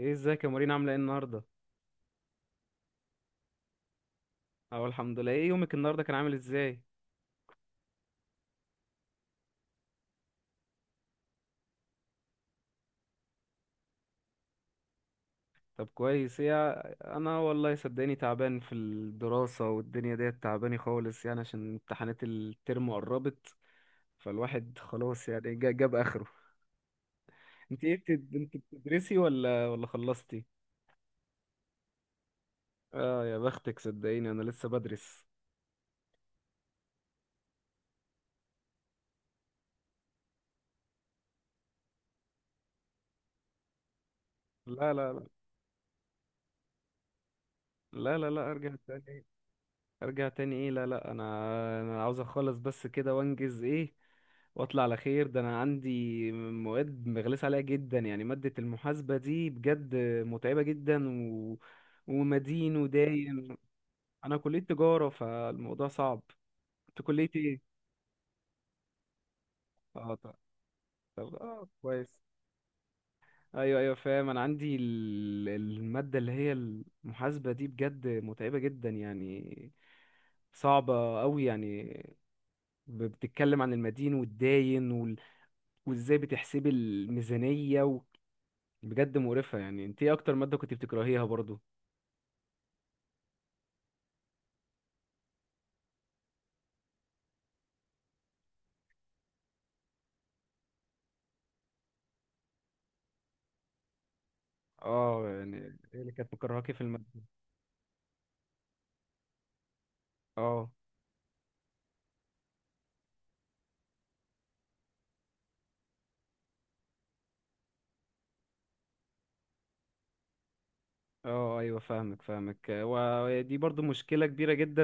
ايه، ازيك يا مارينا؟ عامله ايه النهارده؟ اهو الحمد لله. ايه يومك النهارده كان عامل ازاي؟ طب كويس، ايه. انا والله صدقني تعبان في الدراسه، والدنيا ديت تعباني خالص يعني، عشان امتحانات الترم قربت. فالواحد خلاص يعني جاب اخره. انت ايه انت بتدرسي ولا خلصتي؟ اه يا بختك، صدقيني انا لسه بدرس. لا، لا. ارجع تاني؟ ارجع تاني ايه؟ لا لا، انا عاوز اخلص بس كده وانجز، ايه، واطلع على خير. ده انا عندي مواد مغلس عليها جدا يعني، مادة المحاسبة دي بجد متعبة جدا ومدين وداين. انا كلية تجارة، فالموضوع صعب. انت كلية ايه؟ اه طب، طب كويس. ايوه ايوه فاهم، انا عندي المادة اللي هي المحاسبة دي بجد متعبة جدا يعني، صعبة قوي يعني. بتتكلم عن المدين والداين، وازاي بتحسبي الميزانية بجد مقرفة يعني. انت ايه اكتر مادة كنت بتكرهيها برضو؟ اه يعني، ايه اللي كانت مكرهاكي في المادة؟ اه، اه، ايوه فاهمك ودي برضو مشكلة كبيرة جدا.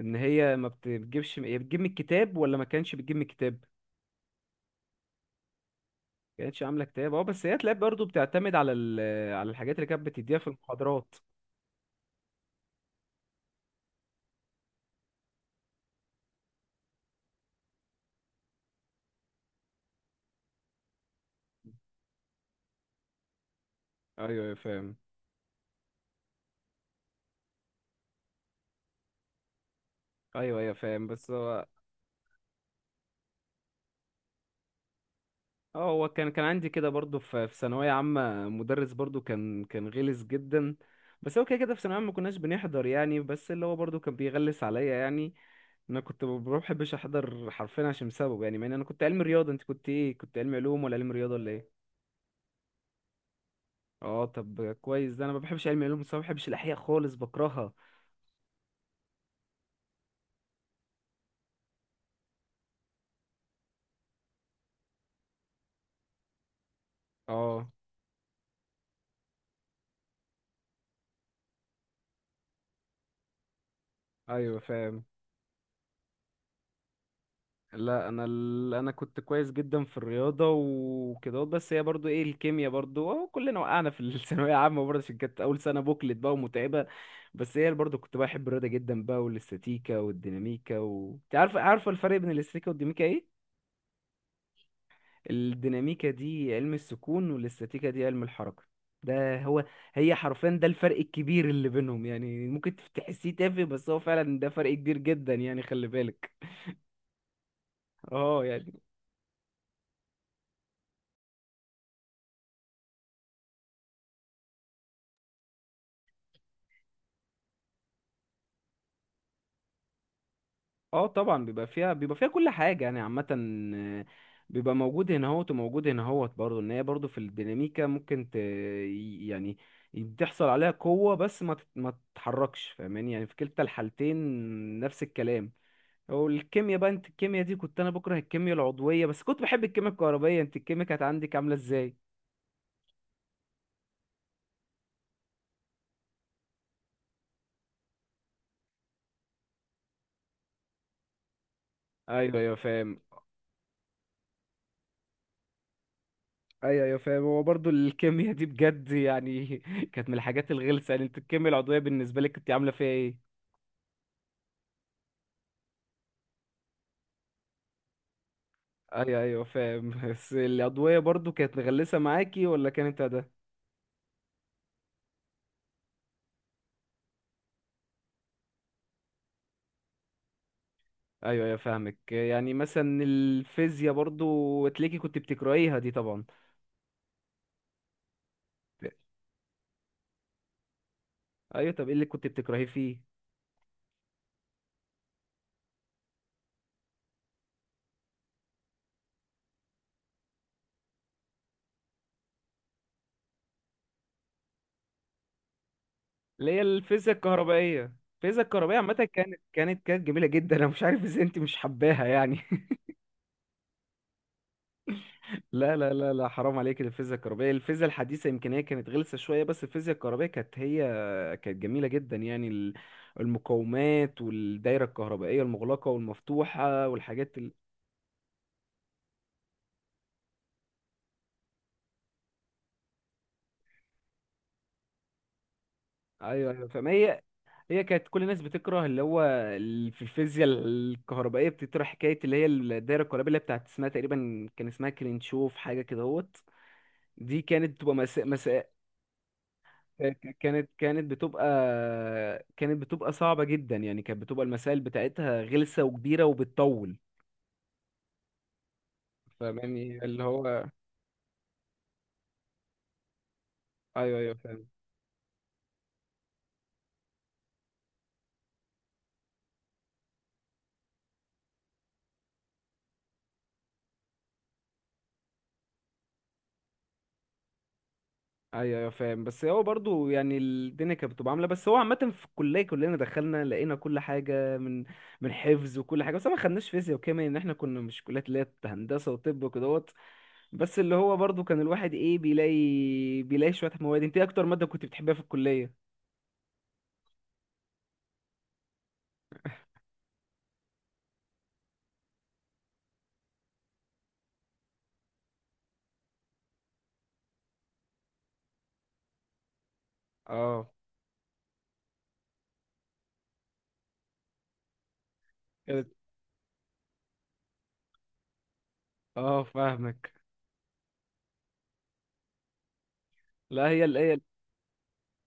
ان هي ما بتجيبش، هي بتجيب من الكتاب ولا ما كانش بتجيب من الكتاب؟ ما كانتش عاملة كتاب، اه، بس هي تلاقي برضو بتعتمد على على الحاجات اللي كانت بتديها في المحاضرات. ايوه ايوه فاهم. ايوه ايوه فاهم. بس هو، اه، هو كان عندي كده برضو في في ثانوية عامة مدرس برضو كان غلس جدا، بس هو كده كده في ثانوية عامة ما كناش بنحضر يعني، بس اللي هو برضو كان بيغلس عليا يعني. انا كنت ما بحبش احضر حرفيا عشان سببه يعني، مع ان انا كنت علمي رياضة. انت كنت ايه؟ كنت علمي علوم ولا علمي رياضة ولا ايه؟ اه طب كويس، ده انا ما بحبش علمي علوم، بس ما بحبش الاحياء خالص، بكرهها. اه ايوه فاهم. لا انا انا كنت كويس جدا في الرياضه وكده، بس هي برضو، ايه، الكيمياء برضو أهو كلنا وقعنا في الثانويه عامه برضه، عشان كانت اول سنه بوكلت بقى ومتعبه. بس هي برضو كنت بحب الرياضه جدا بقى، والاستاتيكا والديناميكا انت عارفه الفرق بين الاستاتيكا والديناميكا ايه؟ الديناميكا دي علم السكون، والاستاتيكا دي علم الحركه. ده هو. هي حرفيا ده الفرق الكبير اللي بينهم يعني، ممكن تحسيه تافه بس هو فعلا ده فرق كبير جدا يعني، خلي بالك. اه يعني. اه طبعا، بيبقى فيها كل حاجة يعني، عامة. آه، بيبقى موجود هنا اهوت وموجود هنا اهوت برضه، ان هي برضه في الديناميكا ممكن يعني بتحصل عليها قوة بس ما تتحركش، فاهماني؟ يعني في كلتا الحالتين نفس الكلام. والكيمياء بقى، انت الكيمياء دي، كنت انا بكره الكيمياء العضوية بس كنت بحب الكيمياء الكهربائية. انت الكيمياء كانت عندك عاملة ازاي؟ ايوه ايوه فاهم. ايوه ايوه فاهم. هو برضه الكيمياء دي بجد يعني كانت من الحاجات الغلسة يعني. انت الكيمياء العضوية بالنسبة لك كنت عاملة فيها ايه؟ ايوه ايوه فاهم. بس الأضوية برضو كانت مغلسة معاكي ولا كانت ده؟ ايوه ايوه فاهمك. يعني مثلا الفيزياء برضو تلاقي كنت بتكرهيها دي طبعا. ايوه، طب ايه اللي كنت بتكرهيه فيه؟ اللي هي الفيزياء الكهربائية، الفيزياء الكهربائية عامة كانت جميلة جدا، انا مش عارف ازاي انت مش حباها يعني لا لا لا لا، حرام عليك، الفيزياء الكهربائية، الفيزياء الحديثة يمكن هي كانت غلسة شوية، بس الفيزياء الكهربائية كانت هي كانت جميلة جدا يعني. المقاومات والدايرة الكهربائية المغلقة والمفتوحة والحاجات ايوه ايوه، فما هي هي كانت كل الناس بتكره اللي هو في الفيزياء الكهربائية بتطرح حكاية اللي هي الدايرة الكهربائية اللي هي بتاعت اسمها تقريبا كان اسمها كرينشوف حاجة كده هوت. دي كانت بتبقى مسائل، كانت بتبقى كانت بتبقى صعبة جدا يعني، كانت بتبقى المسائل بتاعتها غلسة وكبيرة وبتطول. فاهماني اللي هو. ايوه ايوه فاهم. ايوه ايوه فاهم. بس هو برضو يعني الدنيا كانت بتبقى عاملة. بس هو عامة في الكلية كلنا دخلنا لقينا كل حاجة من من حفظ وكل حاجة، بس ما خدناش فيزياء وكيمياء ان احنا كنا مش كليات اللي هي هندسة وطب وكدهوت. بس اللي هو برضو كان الواحد، ايه، بيلاقي شوية مواد. انت ايه اكتر مادة كنت بتحبها في الكلية؟ اه، كانت، اه، فاهمك. لا هي هي،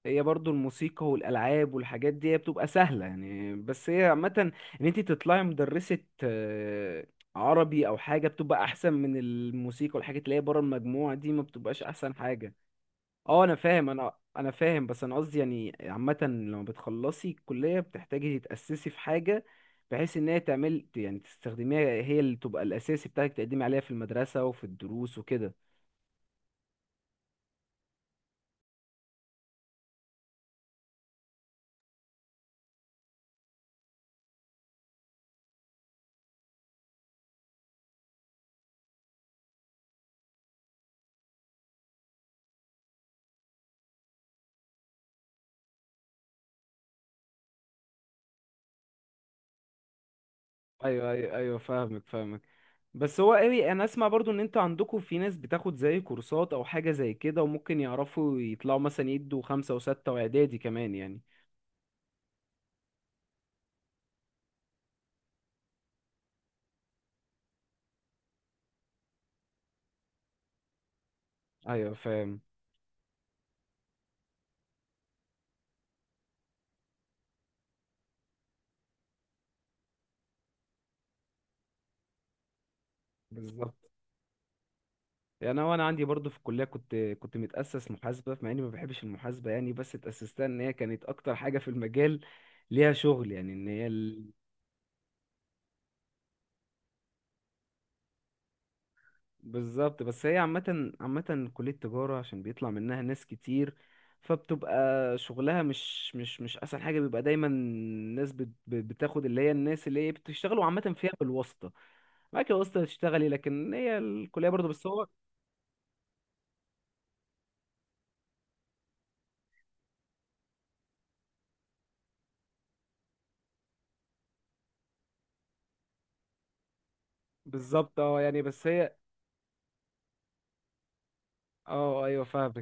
هي برضو الموسيقى والالعاب والحاجات دي هي بتبقى سهله يعني، بس هي عامه ان انت تطلعي مدرسه، آه، عربي او حاجه، بتبقى احسن من الموسيقى والحاجات اللي هي بره المجموعه دي، ما بتبقاش احسن حاجه. اه انا فاهم، انا فاهم، بس انا قصدي يعني عامه لما بتخلصي الكليه بتحتاجي تتاسسي في حاجه، بحيث ان هي تعمل يعني تستخدميها، هي اللي تبقى الاساسي بتاعك تقدمي عليها في المدرسه وفي الدروس وكده. ايوه، فاهمك. بس هو قوي انا اسمع برضو ان انتوا عندكم في ناس بتاخد زي كورسات او حاجة زي كده، وممكن يعرفوا يطلعوا مثلا يدوا خمسة وستة واعدادي كمان يعني. ايوه فاهم. بالظبط، يعني هو انا وانا عندي برضو في الكلية كنت كنت متأسس محاسبة مع اني ما بحبش المحاسبة يعني، بس اتأسستها ان هي كانت اكتر حاجة في المجال ليها شغل يعني، ان هي. بالظبط، بس هي عامة كلية تجارة عشان بيطلع منها ناس كتير، فبتبقى شغلها مش أسهل حاجة، بيبقى دايما الناس بتاخد اللي هي الناس اللي هي بتشتغلوا عامة فيها بالواسطة. معاك الواسطة تشتغلي، لكن هي الكلية برضه، بس هو، بالظبط، اه يعني. بس هي، اه ايوه فاهم.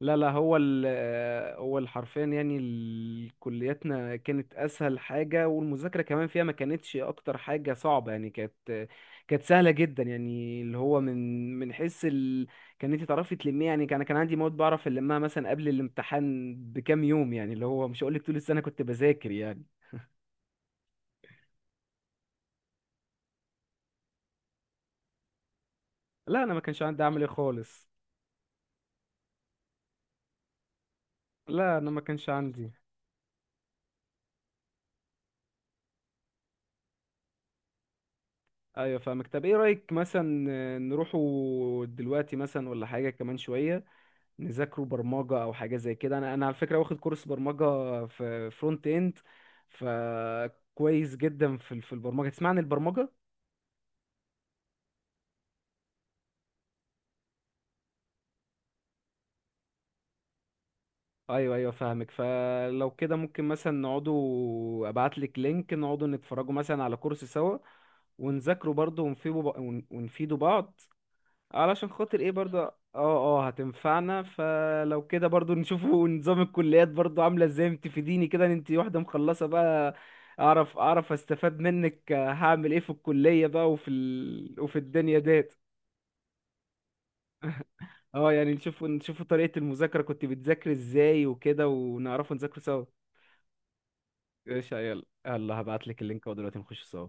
لا لا، هو ال، هو حرفيا يعني، كلياتنا كانت اسهل حاجه، والمذاكره كمان فيها ما كانتش اكتر حاجه صعبه يعني، كانت كانت سهله جدا يعني، اللي هو من من حيث كان انت تعرفي تلميها يعني، كان عندي مواد بعرف المها مثلا قبل الامتحان بكام يوم يعني، اللي هو مش هقول لك طول السنه كنت بذاكر يعني. لا انا ما كانش عندي اعمل ايه خالص، لا انا ما كانش عندي. ايوه فاهمك. طب ايه رايك مثلا نروحوا دلوقتي مثلا ولا حاجه كمان شويه نذاكروا برمجة أو حاجة زي كده؟ أنا على فكرة واخد كورس برمجة في فرونت إند، فكويس جدا في في البرمجة. تسمع عن البرمجة؟ أيوه أيوه فاهمك. فلو كده ممكن مثلا نقعدوا، أبعتلك لينك نقعدوا نتفرجوا مثلا على كورس سوا، ونذاكروا برضه ونفيدوا بعض علشان خاطر ايه برضو، اه اه هتنفعنا. فلو كده برضو نشوفوا نظام الكليات برضو عاملة ازاي، تفيديني كده ان انتي واحدة مخلصة بقى. اعرف استفاد منك، هعمل ايه في الكلية بقى وفي وفي الدنيا ديت. اه يعني نشوفوا طريقة المذاكرة، كنت بتذاكر ازاي وكده، ونعرفوا نذاكر سوا. ايش، يلا يلا، هبعتلك اللينك ودلوقتي نخش سوا.